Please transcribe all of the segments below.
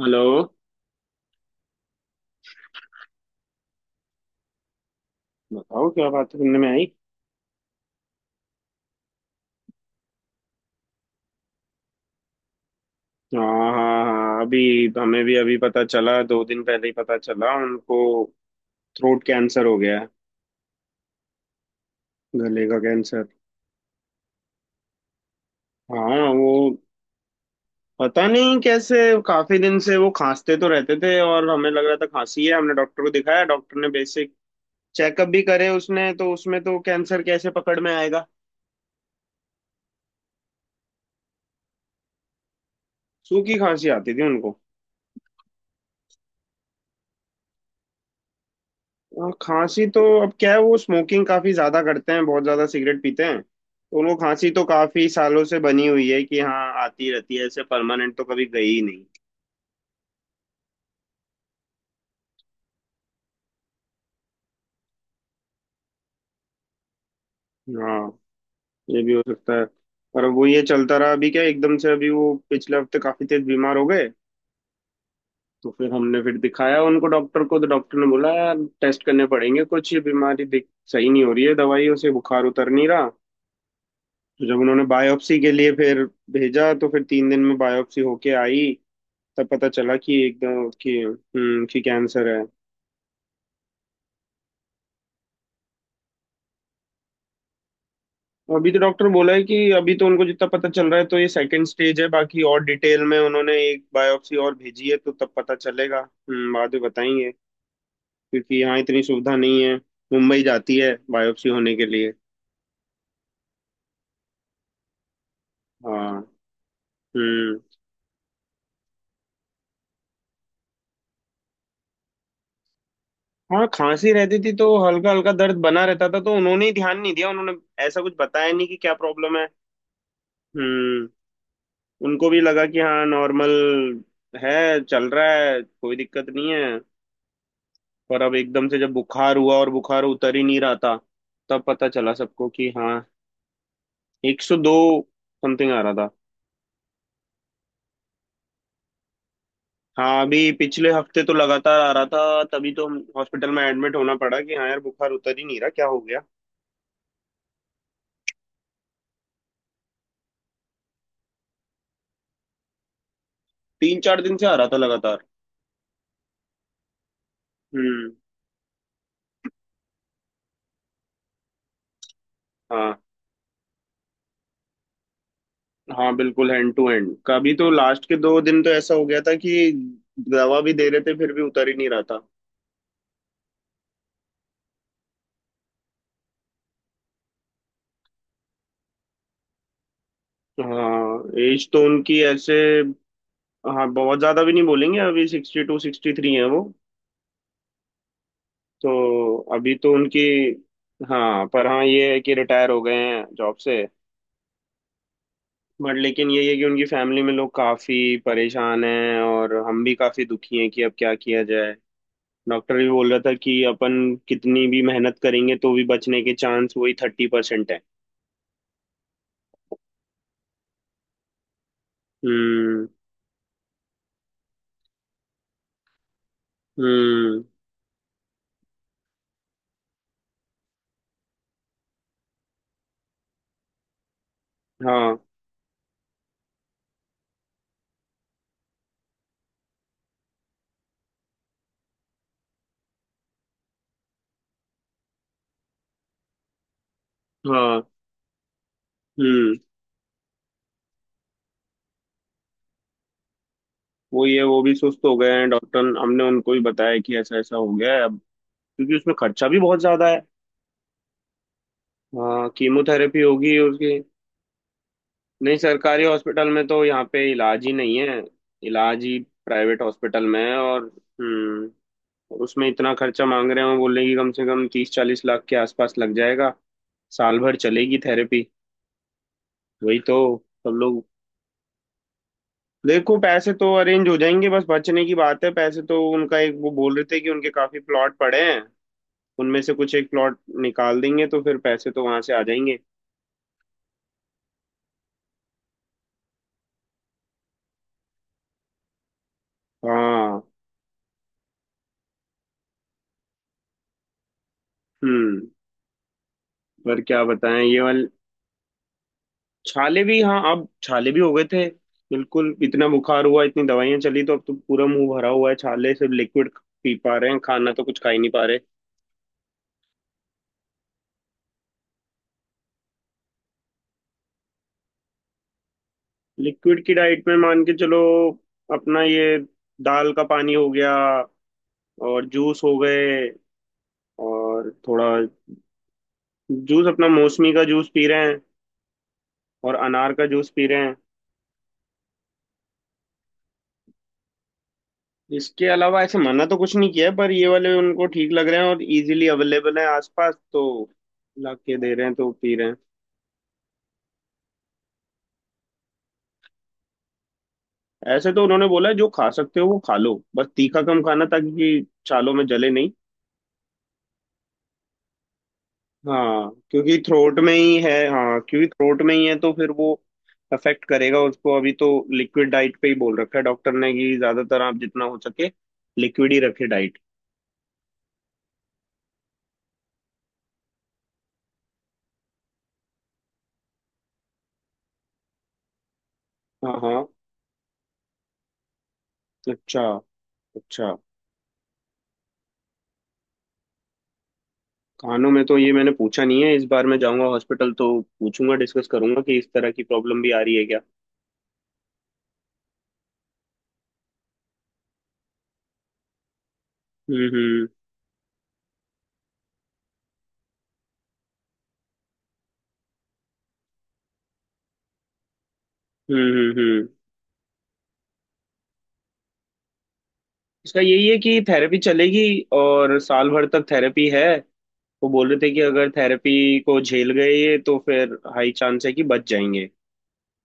Hello. बताओ क्या बात सुनने में आई। हाँ, हाँ हाँ अभी हमें भी अभी पता चला, 2 दिन पहले ही पता चला। उनको थ्रोट कैंसर हो गया है, गले का कैंसर। हाँ वो पता नहीं कैसे। काफी दिन से वो खांसते तो रहते थे और हमें लग रहा था खांसी है, हमने डॉक्टर को दिखाया, डॉक्टर ने बेसिक चेकअप भी करे उसने, तो उसमें तो कैंसर कैसे पकड़ में आएगा। सूखी खांसी आती थी उनको। हाँ, खांसी तो अब क्या है, वो स्मोकिंग काफी ज्यादा करते हैं, बहुत ज्यादा सिगरेट पीते हैं, तो उनको खांसी तो काफी सालों से बनी हुई है कि हाँ आती रहती है, ऐसे परमानेंट तो कभी गई ही नहीं। हाँ ये भी हो सकता है। पर अब वो ये चलता रहा, अभी क्या एकदम से अभी वो पिछले हफ्ते काफी तेज बीमार हो गए। तो फिर हमने फिर दिखाया उनको डॉक्टर को, तो डॉक्टर ने बोला यार टेस्ट करने पड़ेंगे कुछ, ये बीमारी दिख सही नहीं हो रही है, दवाइयों से बुखार उतर नहीं रहा। तो जब उन्होंने बायोप्सी के लिए फिर भेजा, तो फिर 3 दिन में बायोप्सी होके आई, तब पता चला कि एकदम कि कैंसर है। अभी तो डॉक्टर बोला है कि अभी तो उनको जितना पता चल रहा है, तो ये सेकंड स्टेज है, बाकी और डिटेल में उन्होंने एक बायोप्सी और भेजी है, तो तब पता चलेगा, बाद में बताएंगे। क्योंकि यहाँ इतनी सुविधा नहीं है, मुंबई जाती है बायोप्सी होने के लिए। हाँ। हम्म। हाँ, खांसी रहती थी तो हल्का हल्का दर्द बना रहता था, तो उन्होंने ही ध्यान नहीं दिया, उन्होंने ऐसा कुछ बताया नहीं कि क्या प्रॉब्लम है। हम्म। उनको भी लगा कि हाँ नॉर्मल है, चल रहा है, कोई दिक्कत नहीं है। पर अब एकदम से जब बुखार हुआ और बुखार उतर ही नहीं रहा था, तब पता चला सबको कि हाँ 102 समथिंग आ रहा था। हाँ अभी पिछले हफ्ते तो लगातार आ रहा था, तभी तो हम हॉस्पिटल में एडमिट होना पड़ा कि हाँ यार बुखार उतर ही नहीं रहा, क्या हो गया। 3-4 दिन से आ रहा था लगातार। हम्म। हाँ हाँ बिल्कुल, हैंड टू हैंड, कभी तो लास्ट के 2 दिन तो ऐसा हो गया था कि दवा भी दे रहे थे फिर भी उतर ही नहीं रहा था। हाँ एज तो उनकी ऐसे, हाँ बहुत ज्यादा भी नहीं, बोलेंगे अभी 62 63 है वो। तो अभी तो उनकी, हाँ, पर हाँ ये है कि रिटायर हो गए हैं जॉब से। बट लेकिन ये है कि उनकी फैमिली में लोग काफी परेशान हैं, और हम भी काफी दुखी हैं कि अब क्या किया जाए। डॉक्टर भी बोल रहा था कि अपन कितनी भी मेहनत करेंगे तो भी बचने के चांस वही 30% है। हम्म हम्म। हाँ हाँ। हम्म वो भी सुस्त हो गए हैं, डॉक्टर, हमने उनको भी बताया कि ऐसा ऐसा हो गया है अब, क्योंकि उसमें खर्चा भी बहुत ज्यादा है। हाँ कीमोथेरेपी होगी उसकी। नहीं, सरकारी हॉस्पिटल में तो यहाँ पे इलाज ही नहीं है, इलाज ही प्राइवेट हॉस्पिटल में है। और हम्म, और उसमें इतना खर्चा मांग रहे हैं, वो बोल रहे हैं कि कम से कम 30-40 लाख के आसपास लग जाएगा, साल भर चलेगी थेरेपी। वही तो। सब लोग देखो, पैसे तो अरेंज हो जाएंगे, बस बचने की बात है, पैसे तो उनका एक वो बोल रहे थे कि उनके काफी प्लॉट पड़े हैं, उनमें से कुछ एक प्लॉट निकाल देंगे तो फिर पैसे तो वहां से आ जाएंगे। हाँ। हम्म। पर क्या बताएं ये वाल। छाले भी, हाँ अब छाले भी हो गए थे, बिल्कुल इतना बुखार हुआ, इतनी दवाइयां चली, तो अब तो पूरा मुंह भरा हुआ है छाले, सिर्फ लिक्विड पी पा रहे हैं, खाना तो कुछ खा ही नहीं पा रहे। लिक्विड की डाइट में मान के चलो, अपना ये दाल का पानी हो गया, और जूस हो गए, और थोड़ा जूस अपना, मौसमी का जूस पी रहे हैं, और अनार का जूस पी रहे हैं। इसके अलावा ऐसे मना तो कुछ नहीं किया है, पर ये वाले उनको ठीक लग रहे हैं और इजीली अवेलेबल है आसपास, तो ला के दे रहे हैं, तो पी रहे हैं। ऐसे तो उन्होंने बोला है, जो खा सकते हो वो खा लो, बस तीखा कम खाना ताकि कि छालों में जले नहीं। हाँ क्योंकि थ्रोट में ही है, हाँ क्योंकि थ्रोट में ही है, तो फिर वो अफेक्ट करेगा उसको। अभी तो लिक्विड डाइट पे ही बोल रखा है डॉक्टर ने, कि ज्यादातर आप जितना हो सके लिक्विड ही रखे डाइट। हाँ। हाँ। अच्छा अच्छा। खानों में तो ये मैंने पूछा नहीं है, इस बार मैं जाऊंगा हॉस्पिटल तो पूछूंगा, डिस्कस करूंगा कि इस तरह की प्रॉब्लम भी आ रही है क्या। हम्म हम्म हम्म हम्म हम्म। इसका यही है कि थेरेपी चलेगी, और साल भर तक थेरेपी है। वो बोल रहे थे कि अगर थेरेपी को झेल गए ये, तो फिर हाई चांस है कि बच जाएंगे।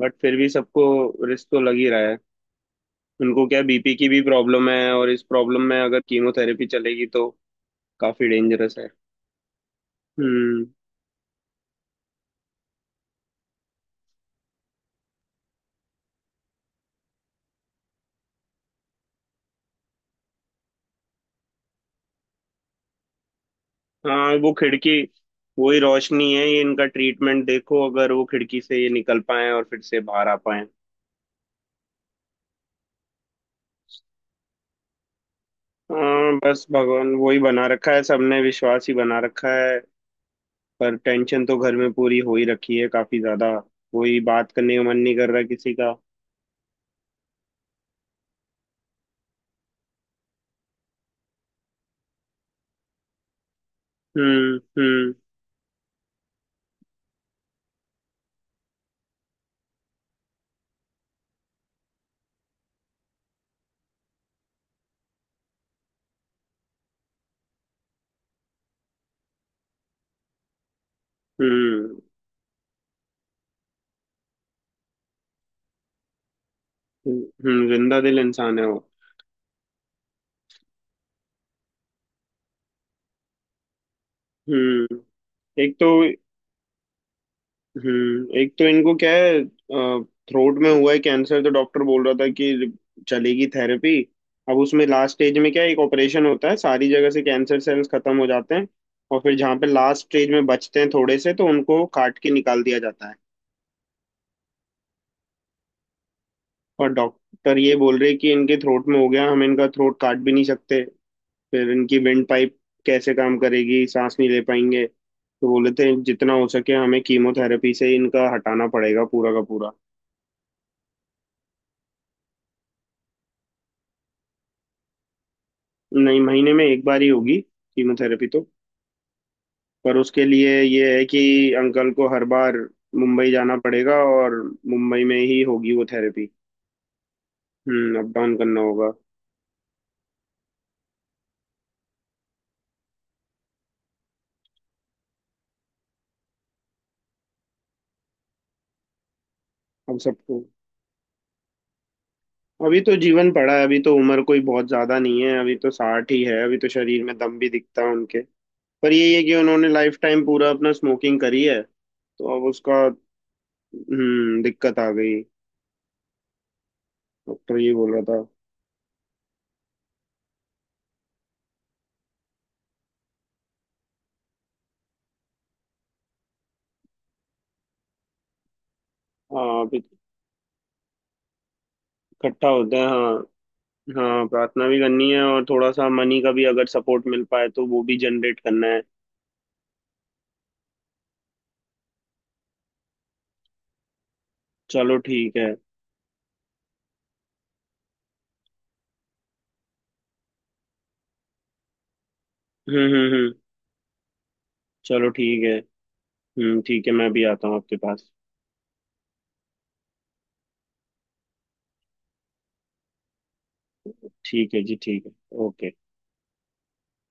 बट फिर भी सबको रिस्क तो लग ही रहा है। उनको क्या, बीपी की भी प्रॉब्लम है, और इस प्रॉब्लम में अगर कीमोथेरेपी चलेगी तो काफी डेंजरस है। हम्म। हाँ, वो खिड़की वही रोशनी है ये इनका ट्रीटमेंट, देखो अगर वो खिड़की से ये निकल पाए और फिर से बाहर आ पाए। हाँ, बस भगवान वही बना रखा है, सबने विश्वास ही बना रखा है। पर टेंशन तो घर में पूरी हो ही रखी है, काफी ज्यादा, कोई बात करने का मन नहीं कर रहा किसी का। हम्म हम्म हम्म हम्म। जिंदा दिल इंसान है वो। हम्म एक तो, एक तो इनको क्या है, थ्रोट में हुआ है कैंसर, तो डॉक्टर बोल रहा था कि चलेगी थेरेपी। अब उसमें लास्ट स्टेज में क्या है, एक ऑपरेशन होता है, सारी जगह से कैंसर सेल्स खत्म हो जाते हैं, और फिर जहाँ पे लास्ट स्टेज में बचते हैं थोड़े से, तो उनको काट के निकाल दिया जाता है। और डॉक्टर ये बोल रहे कि इनके थ्रोट में हो गया, हम इनका थ्रोट काट भी नहीं सकते, फिर इनकी वेंट पाइप कैसे काम करेगी, सांस नहीं ले पाएंगे, तो बोले थे जितना हो सके हमें कीमोथेरेपी से इनका हटाना पड़ेगा पूरा का पूरा। नहीं, महीने में एक बार ही होगी कीमोथेरेपी तो। पर उसके लिए ये है कि अंकल को हर बार मुंबई जाना पड़ेगा, और मुंबई में ही होगी वो थेरेपी। अप डाउन करना होगा। अब सबको, अभी तो जीवन पड़ा है, अभी तो उम्र कोई बहुत ज्यादा नहीं है, अभी तो 60 ही है, अभी तो शरीर में दम भी दिखता है उनके। पर यही है कि उन्होंने लाइफ टाइम पूरा अपना स्मोकिंग करी है, तो अब उसका, दिक्कत आ गई। डॉक्टर ये बोल रहा था। हाँ अभी इकट्ठा होते हैं। हाँ, हाँ प्रार्थना भी करनी है, और थोड़ा सा मनी का भी अगर सपोर्ट मिल पाए तो वो भी जनरेट करना है। चलो ठीक है। हम्म। चलो ठीक है। ठीक है, मैं भी आता हूँ आपके पास। ठीक है जी, ठीक है। ओके।